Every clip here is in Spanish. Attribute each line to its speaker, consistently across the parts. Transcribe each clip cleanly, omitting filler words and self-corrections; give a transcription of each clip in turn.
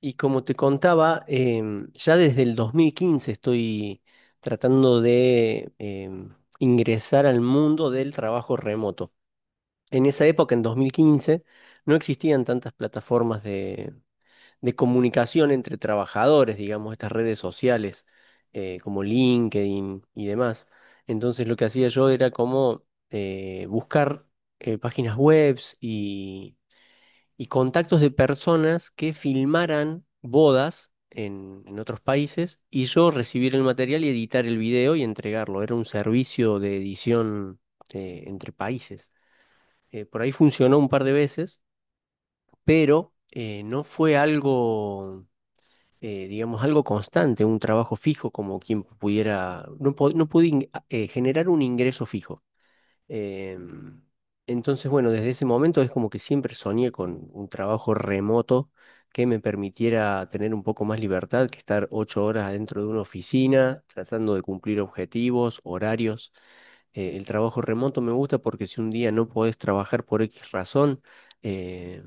Speaker 1: Y como te contaba, ya desde el 2015 estoy tratando de ingresar al mundo del trabajo remoto. En esa época, en 2015, no existían tantas plataformas de comunicación entre trabajadores, digamos, estas redes sociales como LinkedIn y demás. Entonces lo que hacía yo era como buscar páginas webs y contactos de personas que filmaran bodas en otros países y yo recibir el material y editar el video y entregarlo. Era un servicio de edición entre países. Por ahí funcionó un par de veces, pero no fue algo, digamos, algo constante, un trabajo fijo como quien pudiera, no, no pude generar un ingreso fijo. Em, entonces, bueno, desde ese momento es como que siempre soñé con un trabajo remoto que me permitiera tener un poco más libertad que estar 8 horas dentro de una oficina tratando de cumplir objetivos, horarios. El trabajo remoto me gusta porque si un día no podés trabajar por X razón, eh,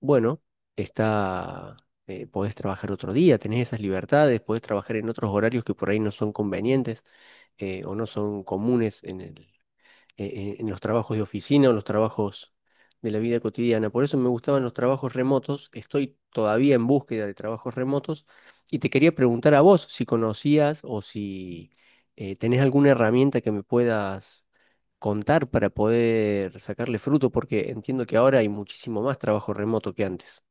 Speaker 1: bueno, está, podés trabajar otro día, tenés esas libertades, podés trabajar en otros horarios que por ahí no son convenientes o no son comunes en el en los trabajos de oficina o los trabajos de la vida cotidiana. Por eso me gustaban los trabajos remotos. Estoy todavía en búsqueda de trabajos remotos y te quería preguntar a vos si conocías o si tenés alguna herramienta que me puedas contar para poder sacarle fruto, porque entiendo que ahora hay muchísimo más trabajo remoto que antes.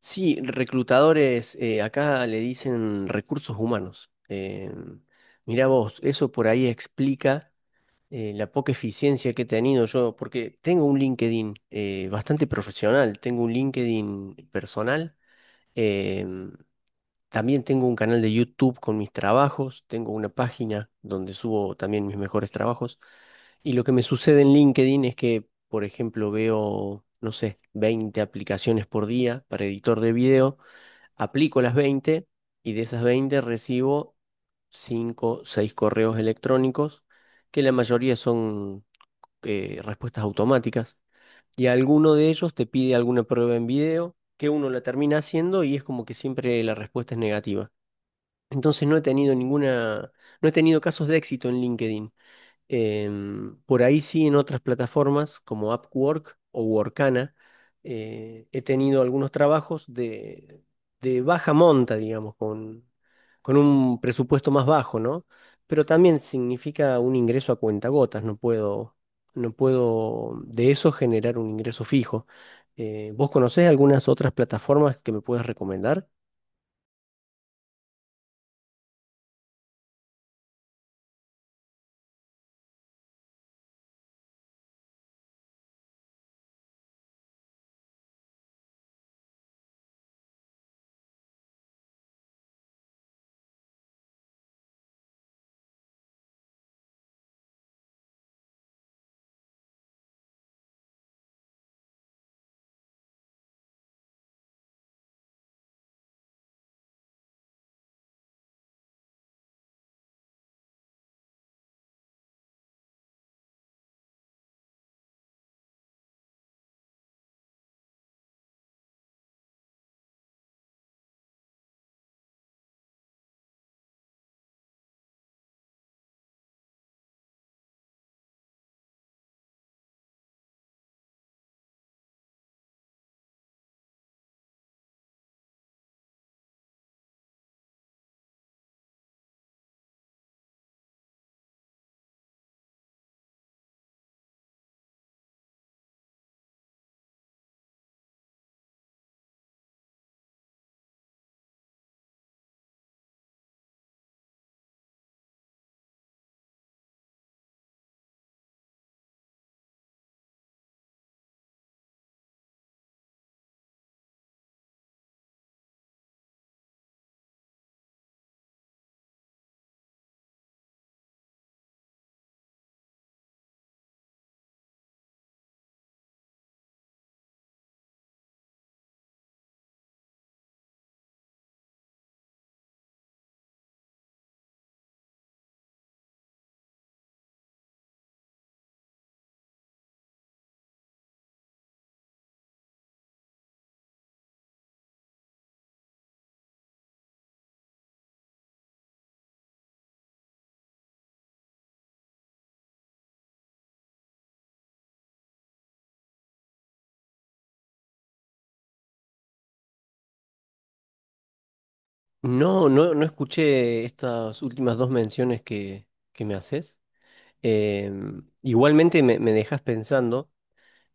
Speaker 1: Sí, reclutadores, acá le dicen recursos humanos. Mira Mirá vos, eso por ahí explica la poca eficiencia que he tenido yo, porque tengo un LinkedIn bastante profesional, tengo un LinkedIn personal, em, también tengo un canal de YouTube con mis trabajos, tengo una página donde subo también mis mejores trabajos, y lo que me sucede en LinkedIn es que, por ejemplo, veo, no sé, 20 aplicaciones por día para editor de video, aplico las 20 y de esas 20 recibo 5 6 correos electrónicos que la mayoría son respuestas automáticas y alguno de ellos te pide alguna prueba en video que uno la termina haciendo y es como que siempre la respuesta es negativa. Entonces no he tenido no he tenido casos de éxito en LinkedIn. Por ahí sí, en otras plataformas como Upwork o Workana, he tenido algunos trabajos de baja monta, digamos, con un presupuesto más bajo, ¿no? Pero también significa un ingreso a cuentagotas, no puedo de eso generar un ingreso fijo. ¿Vos conocés algunas otras plataformas que me puedas recomendar? No, no, no escuché estas últimas dos menciones que me haces. Igualmente me dejas pensando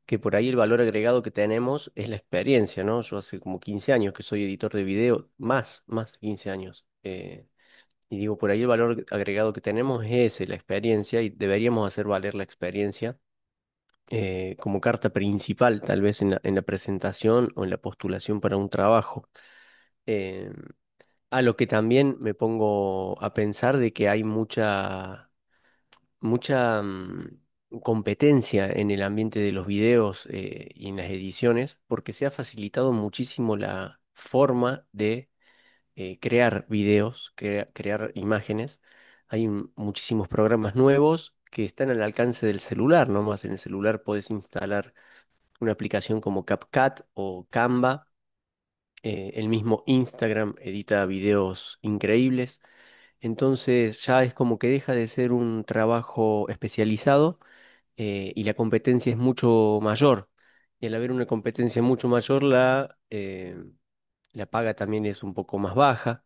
Speaker 1: que por ahí el valor agregado que tenemos es la experiencia, ¿no? Yo hace como 15 años que soy editor de video, más, más de 15 años. Y digo, por ahí el valor agregado que tenemos es ese, la experiencia, y deberíamos hacer valer la experiencia como carta principal, tal vez en en la presentación o en la postulación para un trabajo. Em, a lo que también me pongo a pensar de que hay mucha competencia en el ambiente de los videos y en las ediciones, porque se ha facilitado muchísimo la forma de crear videos, crear imágenes. Muchísimos programas nuevos que están al alcance del celular, nomás en el celular podés instalar una aplicación como CapCut o Canva. El mismo Instagram edita videos increíbles, entonces ya es como que deja de ser un trabajo especializado y la competencia es mucho mayor. Y al haber una competencia mucho mayor, la paga también es un poco más baja.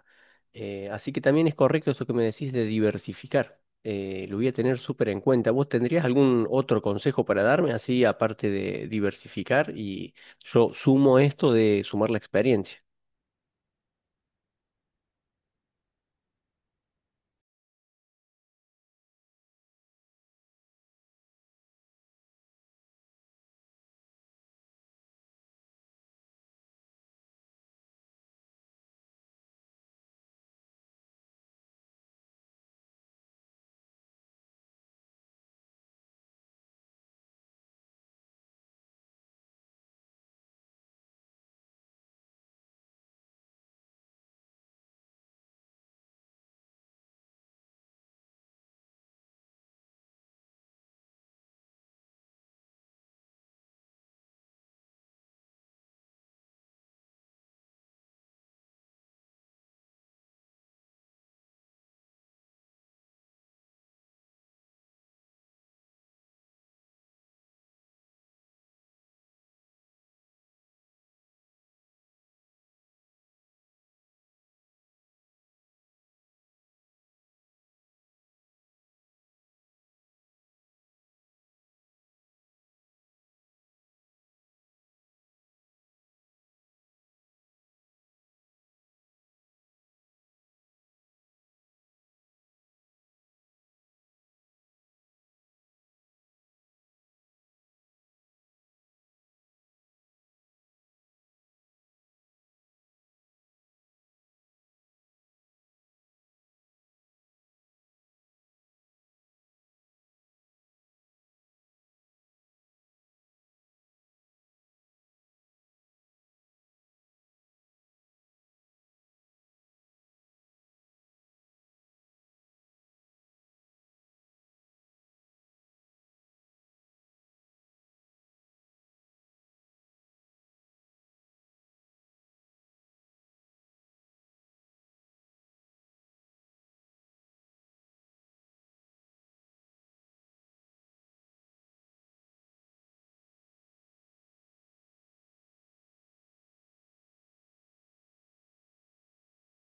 Speaker 1: Así que también es correcto esto que me decís de diversificar. Lo voy a tener súper en cuenta. ¿Vos tendrías algún otro consejo para darme, así aparte de diversificar? Y yo sumo esto de sumar la experiencia.